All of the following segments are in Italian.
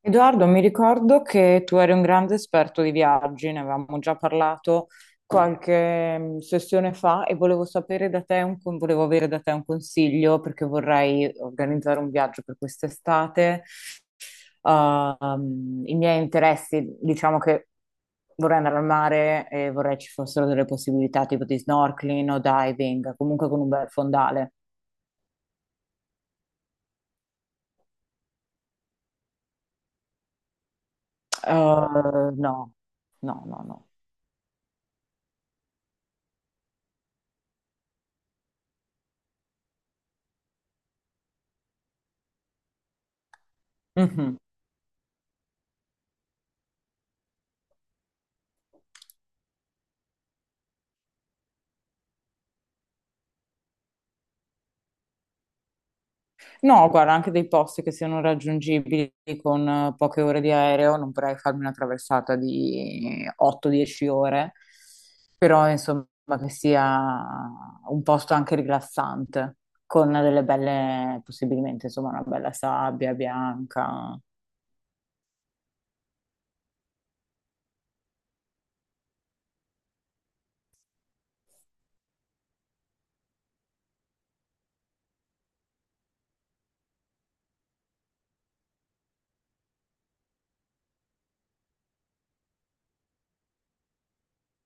Edoardo, mi ricordo che tu eri un grande esperto di viaggi, ne avevamo già parlato qualche sessione fa e volevo sapere da te volevo avere da te un consiglio perché vorrei organizzare un viaggio per quest'estate. I miei interessi, diciamo che vorrei andare al mare e vorrei ci fossero delle possibilità tipo di snorkeling o diving, comunque con un bel fondale. Eh, no, no, no, no. Mhm. No, guarda, anche dei posti che siano raggiungibili con poche ore di aereo, non vorrei farmi una traversata di 8-10 ore, però insomma che sia un posto anche rilassante, con delle belle, possibilmente insomma una bella sabbia bianca.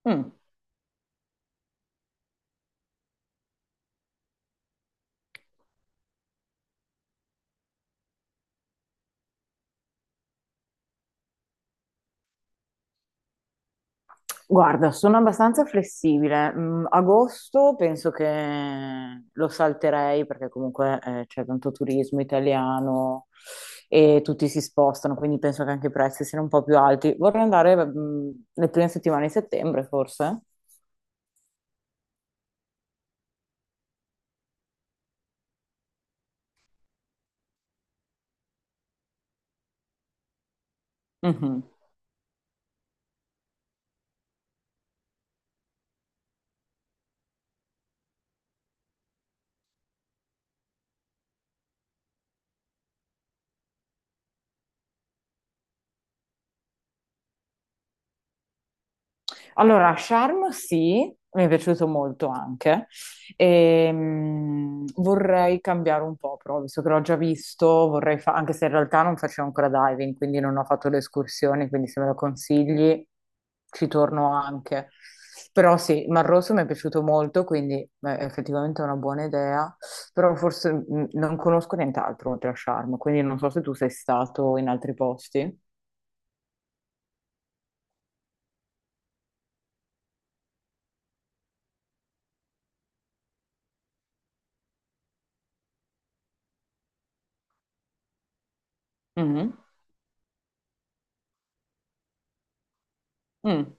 Mm. Guarda, sono abbastanza flessibile. Agosto penso che lo salterei perché comunque c'è tanto turismo italiano e tutti si spostano, quindi penso che anche i prezzi siano un po' più alti. Vorrei andare le prime settimane di settembre, forse. Mhm. Allora, Charm sì, mi è piaciuto molto anche. Vorrei cambiare un po', però, visto che l'ho già visto, anche se in realtà non facevo ancora diving, quindi non ho fatto le escursioni, quindi se me lo consigli ci torno anche. Però sì, Mar Rosso mi è piaciuto molto, quindi beh, effettivamente è una buona idea, però forse non conosco nient'altro oltre a Charm, quindi non so se tu sei stato in altri posti. Mhm. Mm.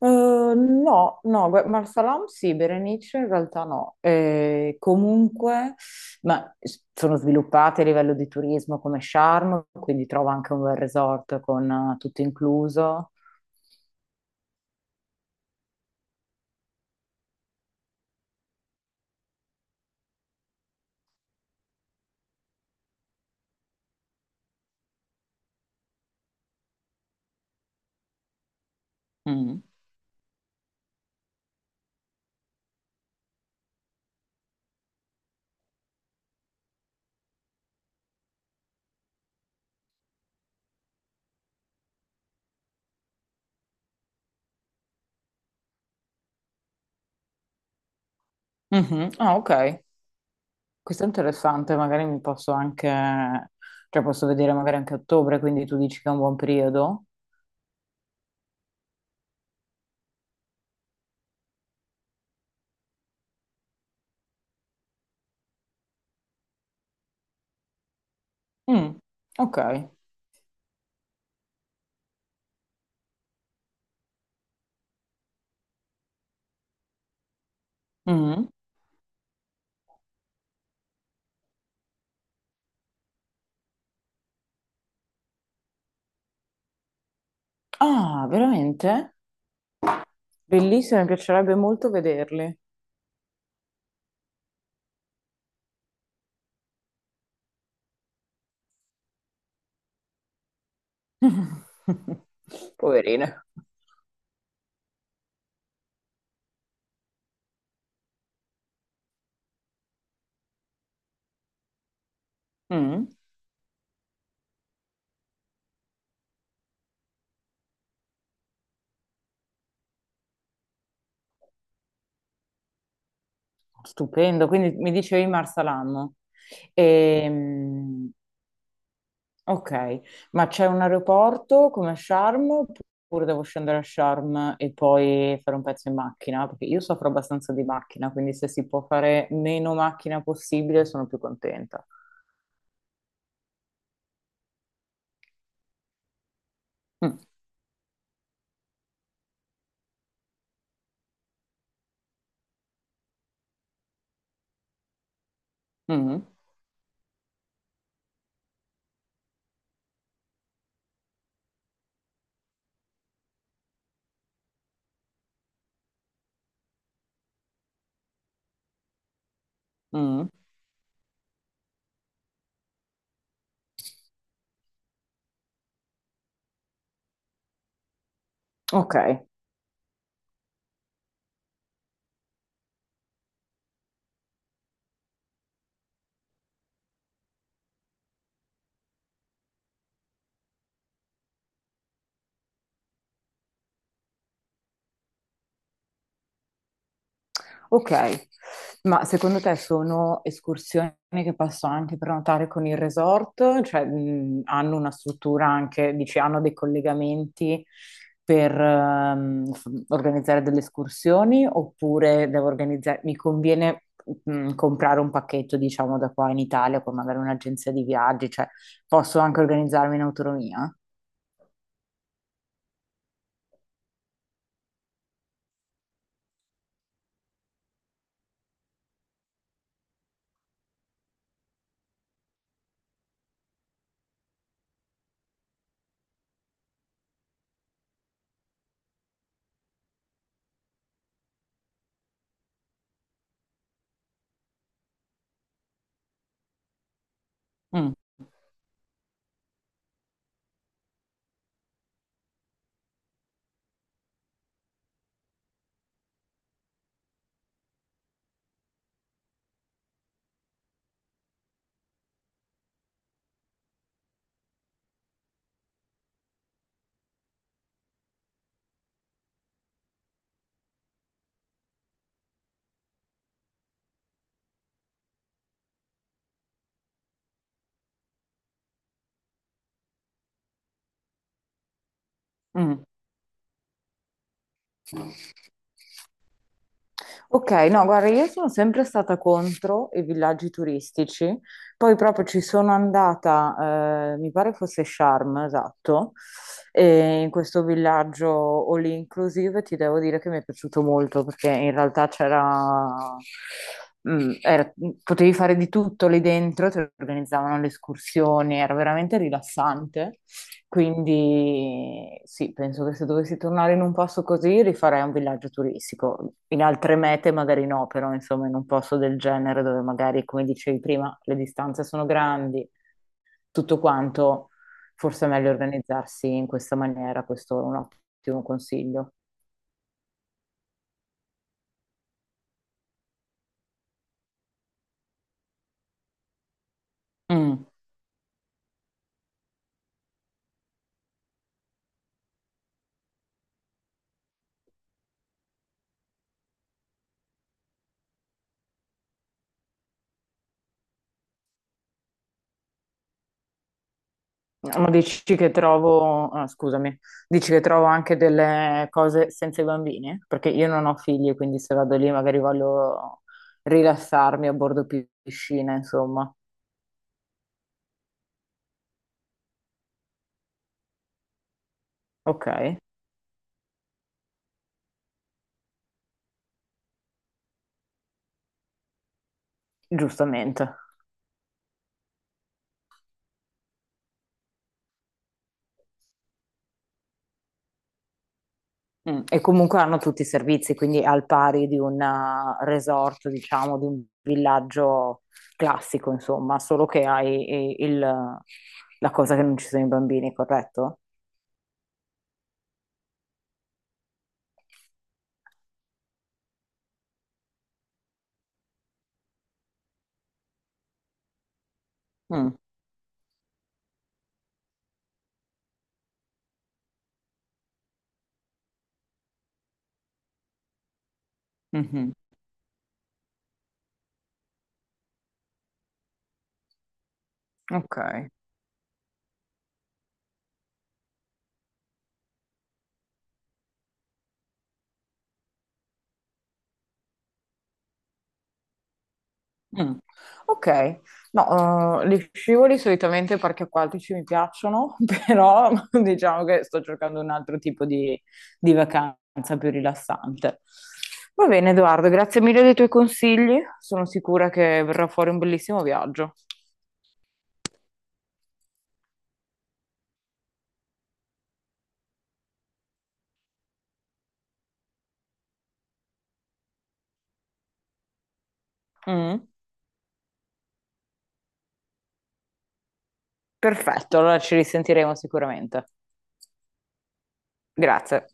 No, no, Marsalam sì, Berenice in realtà no. Comunque, sono sviluppate a livello di turismo come Sharm, quindi trovo anche un bel resort con tutto incluso. Mm. Mhm. Ah, ok. Questo è interessante, magari mi posso anche, cioè posso vedere magari anche a ottobre, quindi tu dici che è un buon periodo. Mm. Ok. Mhm. Ah, veramente? Bellissimo, mi piacerebbe molto vederli. Poverine. Mm, Stupendo, quindi mi dicevi Marsalam. Ehm, ok, ma c'è un aeroporto come a Sharm oppure devo scendere a Sharm e poi fare un pezzo in macchina? Perché io soffro abbastanza di macchina, quindi se si può fare meno macchina possibile sono più contenta. Mm, mm, mm. Ok, ok, ma secondo te sono escursioni che posso anche prenotare con il resort? Cioè, hanno una struttura anche, dici, hanno dei collegamenti per organizzare delle escursioni oppure devo organizzare, mi conviene comprare un pacchetto, diciamo, da qua in Italia con magari un'agenzia di viaggi, cioè posso anche organizzarmi in autonomia? Mm, mm. Ok, no, guarda, io sono sempre stata contro i villaggi turistici, poi proprio ci sono andata, mi pare fosse Sharm, esatto, e in questo villaggio all inclusive ti devo dire che mi è piaciuto molto perché in realtà c'era, mm, era- potevi fare di tutto lì dentro, ti organizzavano le escursioni, era veramente rilassante. Quindi sì, penso che se dovessi tornare in un posto così rifarei un villaggio turistico. In altre mete magari no, però insomma in un posto del genere dove magari, come dicevi prima, le distanze sono grandi, tutto quanto, forse è meglio organizzarsi in questa maniera, questo è un ottimo consiglio. Mm. Ma dici che trovo, ah, scusami, dici che trovo anche delle cose senza i bambini? Perché io non ho figli, quindi se vado lì magari voglio rilassarmi a bordo piscina, insomma. Ok, giustamente. E comunque hanno tutti i servizi, quindi al pari di un resort, diciamo, di un villaggio classico, insomma, solo che hai la cosa che non ci sono i bambini, corretto? Mm, mhm, ok. Mm. Ok, no, li scivoli solitamente parchi acquatici mi piacciono, però diciamo che sto cercando un altro tipo di vacanza più rilassante. Va bene, Edoardo, grazie mille dei tuoi consigli, sono sicura che verrà fuori un bellissimo viaggio. Mm. Perfetto, allora ci risentiremo sicuramente. Grazie.